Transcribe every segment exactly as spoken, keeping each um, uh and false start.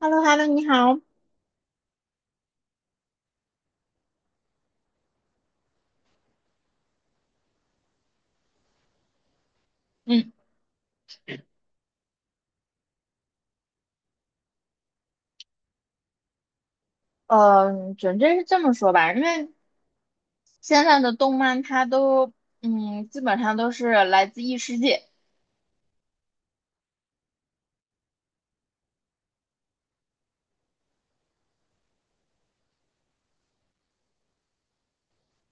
h e l l o h e l l o 你好。嗯，呃，准确是这么说吧，因为现在的动漫它都，嗯，基本上都是来自异世界。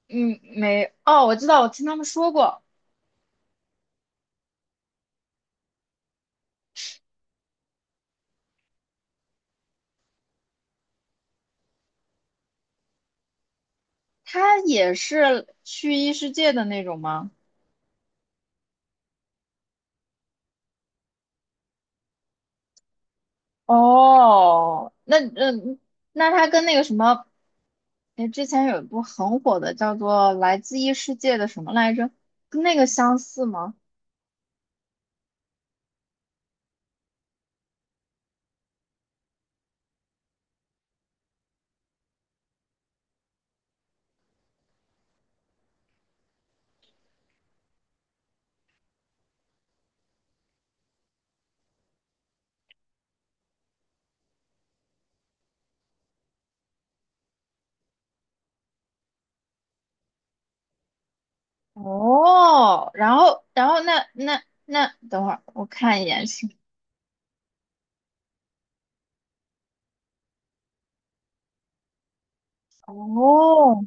嗯，没，哦，我知道，我听他们说过，它也是去异世界的那种吗？哦，那嗯，那它跟那个什么，哎，之前有一部很火的叫做《来自异世界的什么来着》，跟那个相似吗？哦，然后，然后那那那，等会儿我看一眼是哦，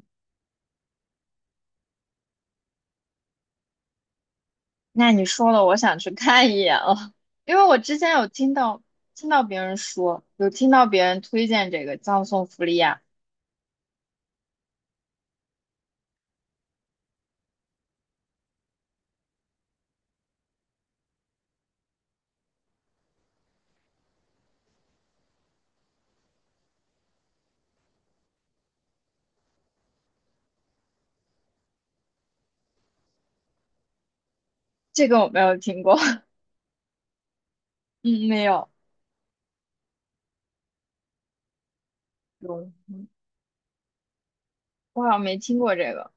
那你说了，我想去看一眼了，因为我之前有听到听到别人说，有听到别人推荐这个葬送福利亚，这个我没有听过，嗯，没有，有，嗯我好像没听过这个，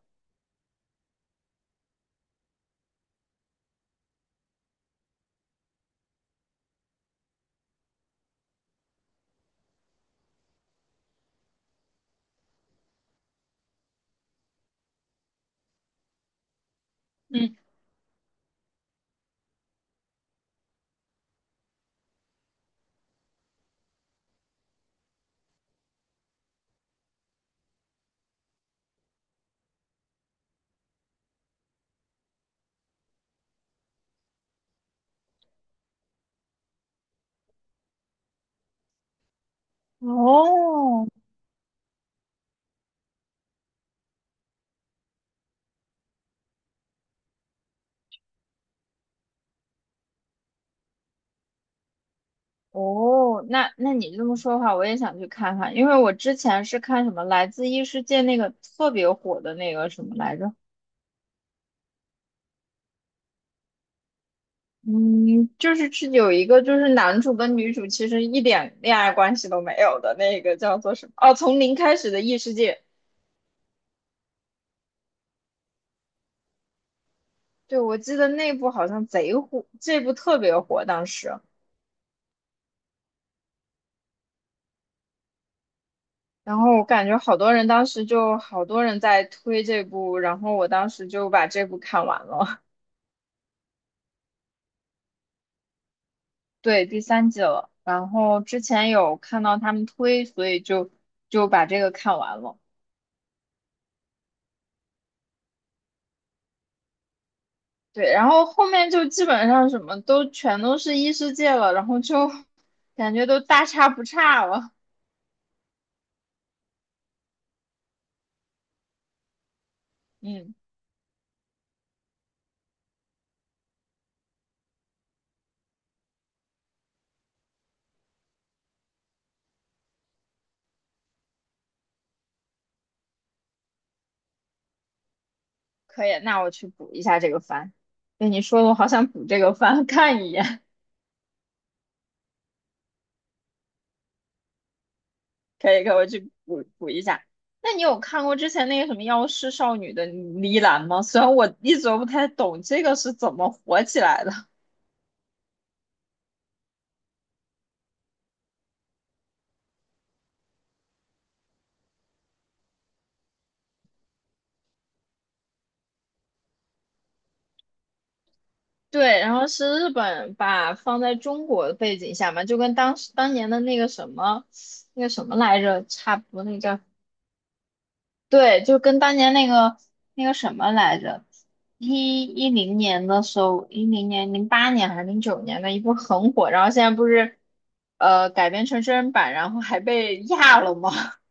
嗯，哦哦，那那你这么说的话，我也想去看看，因为我之前是看什么《来自异世界》那个特别火的那个什么来着。嗯，就是去有一个，就是男主跟女主其实一点恋爱关系都没有的那个叫做什么？哦，从零开始的异世界。对，我记得那部好像贼火，这部特别火当时。然后我感觉好多人当时就好多人在推这部，然后我当时就把这部看完了，对，第三季了。然后之前有看到他们推，所以就就把这个看完了。对，然后后面就基本上什么都全都是异世界了，然后就感觉都大差不差了。嗯，可以，那我去补一下这个番。对你说的，我好想补这个番，看一眼。可以，可以，我去补补一下。那你有看过之前那个什么《妖师少女》的呢喃吗？虽然我一直都不太懂这个是怎么火起来的。对，然后是日本把放在中国的背景下嘛，就跟当时当年的那个什么，那个什么来着，差不多，那个叫对，就跟当年那个那个什么来着，一一零年的时候，一零年、零八年还是零九年的一部很火，然后现在不是呃改编成真人版，然后还被压了吗？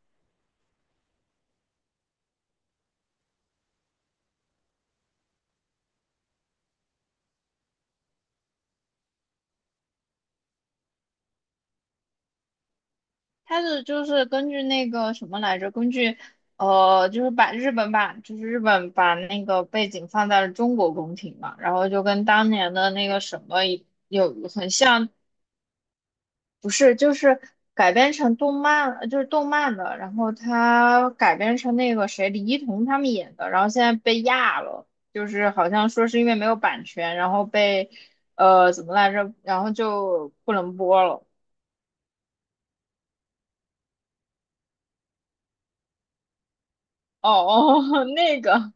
它是就是根据那个什么来着，根据呃就是把日本版，就是日本把那个背景放在了中国宫廷嘛，然后就跟当年的那个什么有很像，不是，就是改编成动漫，呃就是动漫的，然后他改编成那个谁，李一桐他们演的，然后现在被压了，就是好像说是因为没有版权，然后被呃怎么来着，然后就不能播了。哦哦，那个，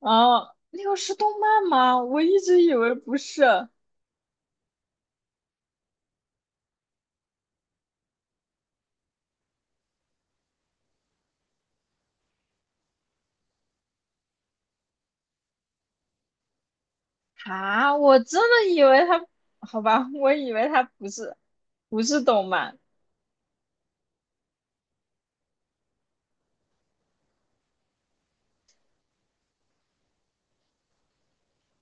哦，那个是动漫吗？我一直以为不是啊，我真的以为他，好吧，我以为他不是，不是动漫。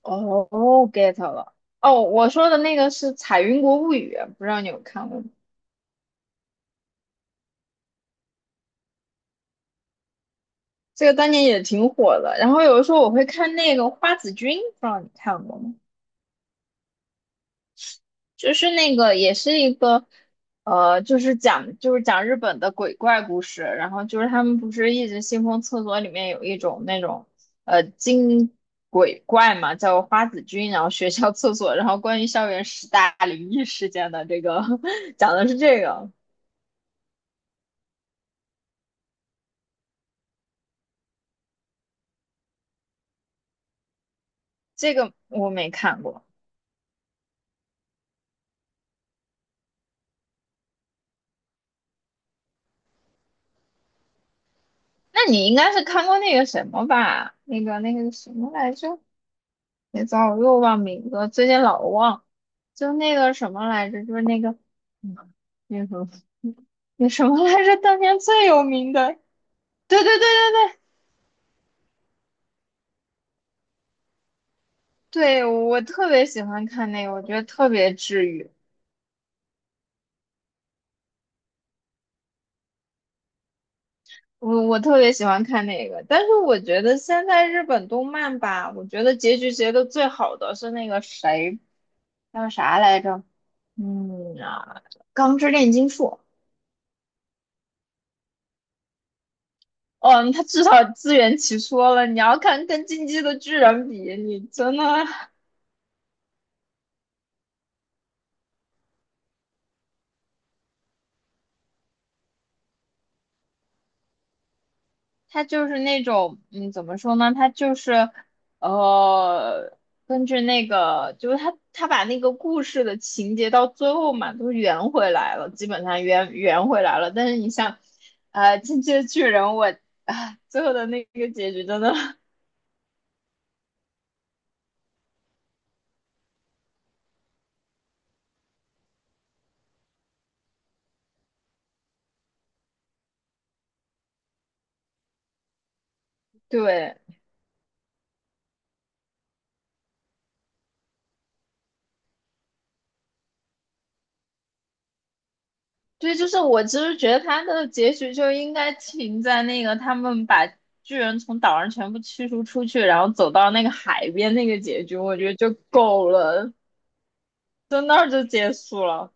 哦，get 了。哦，我说的那个是《彩云国物语》，不知道你有看过吗？这个当年也挺火的。然后有的时候我会看那个《花子君》，不知道你看过吗？就是那个也是一个，呃，就是讲就是讲日本的鬼怪故事。然后就是他们不是一直信奉厕所里面有一种那种呃精鬼怪嘛，叫花子君。然后学校 厕所，然后关于校园十大灵异事件的这个 讲的是这个。这个我没看过。那你应该是看过那个什么吧？那个那个什么来着？别糟，我又忘名字了最近老忘。就那个什么来着？就是那个，嗯，那个什么那什么来着？当年最有名的，对对对对对对，我特别喜欢看那个，我觉得特别治愈。我我特别喜欢看那个，但是我觉得现在日本动漫吧，我觉得结局结的最好的是那个谁叫啥来着？嗯啊，《钢之炼金术》。哦，他至少自圆其说了。你要看跟《进击的巨人》比，你真的 他就是那种，嗯，怎么说呢？他就是，呃，根据那个，就是他他把那个故事的情节到最后嘛，都圆回来了，基本上圆圆回来了。但是你像，呃，《进击的巨人》我，啊，最后的那个结局真的，对。对，就是我其实觉得他的结局就应该停在那个他们把巨人从岛上全部驱逐出去，然后走到那个海边那个结局，我觉得就够了，就那儿就结束了。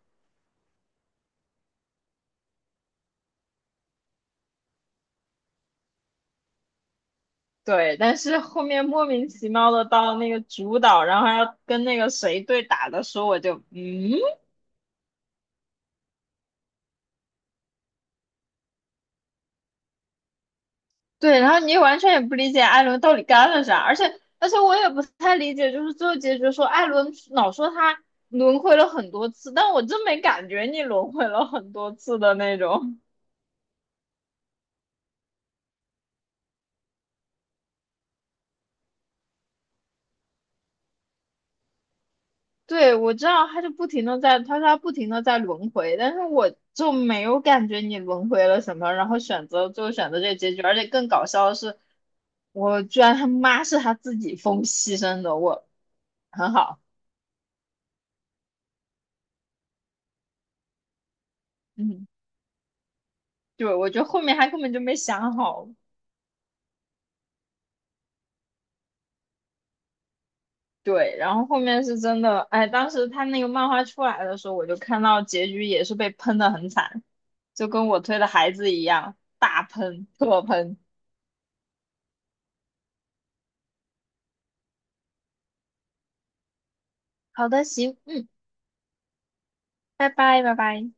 对，但是后面莫名其妙的到那个主岛，然后还要跟那个谁对打的时候，我就嗯。对，然后你完全也不理解艾伦到底干了啥，而且而且我也不太理解，就是最后结局说艾伦老说他轮回了很多次，但我真没感觉你轮回了很多次的那种。对，我知道他就不停的在，他说他不停的在轮回，但是我就没有感觉你轮回了什么，然后选择最后选择这个结局，而且更搞笑的是，我居然他妈是他自己疯牺牲的，我很好，嗯，对，我觉得后面他根本就没想好。对，然后后面是真的，哎，当时他那个漫画出来的时候，我就看到结局也是被喷的很惨，就跟我推的孩子一样，大喷，特喷。好的，行，嗯，拜拜，拜拜。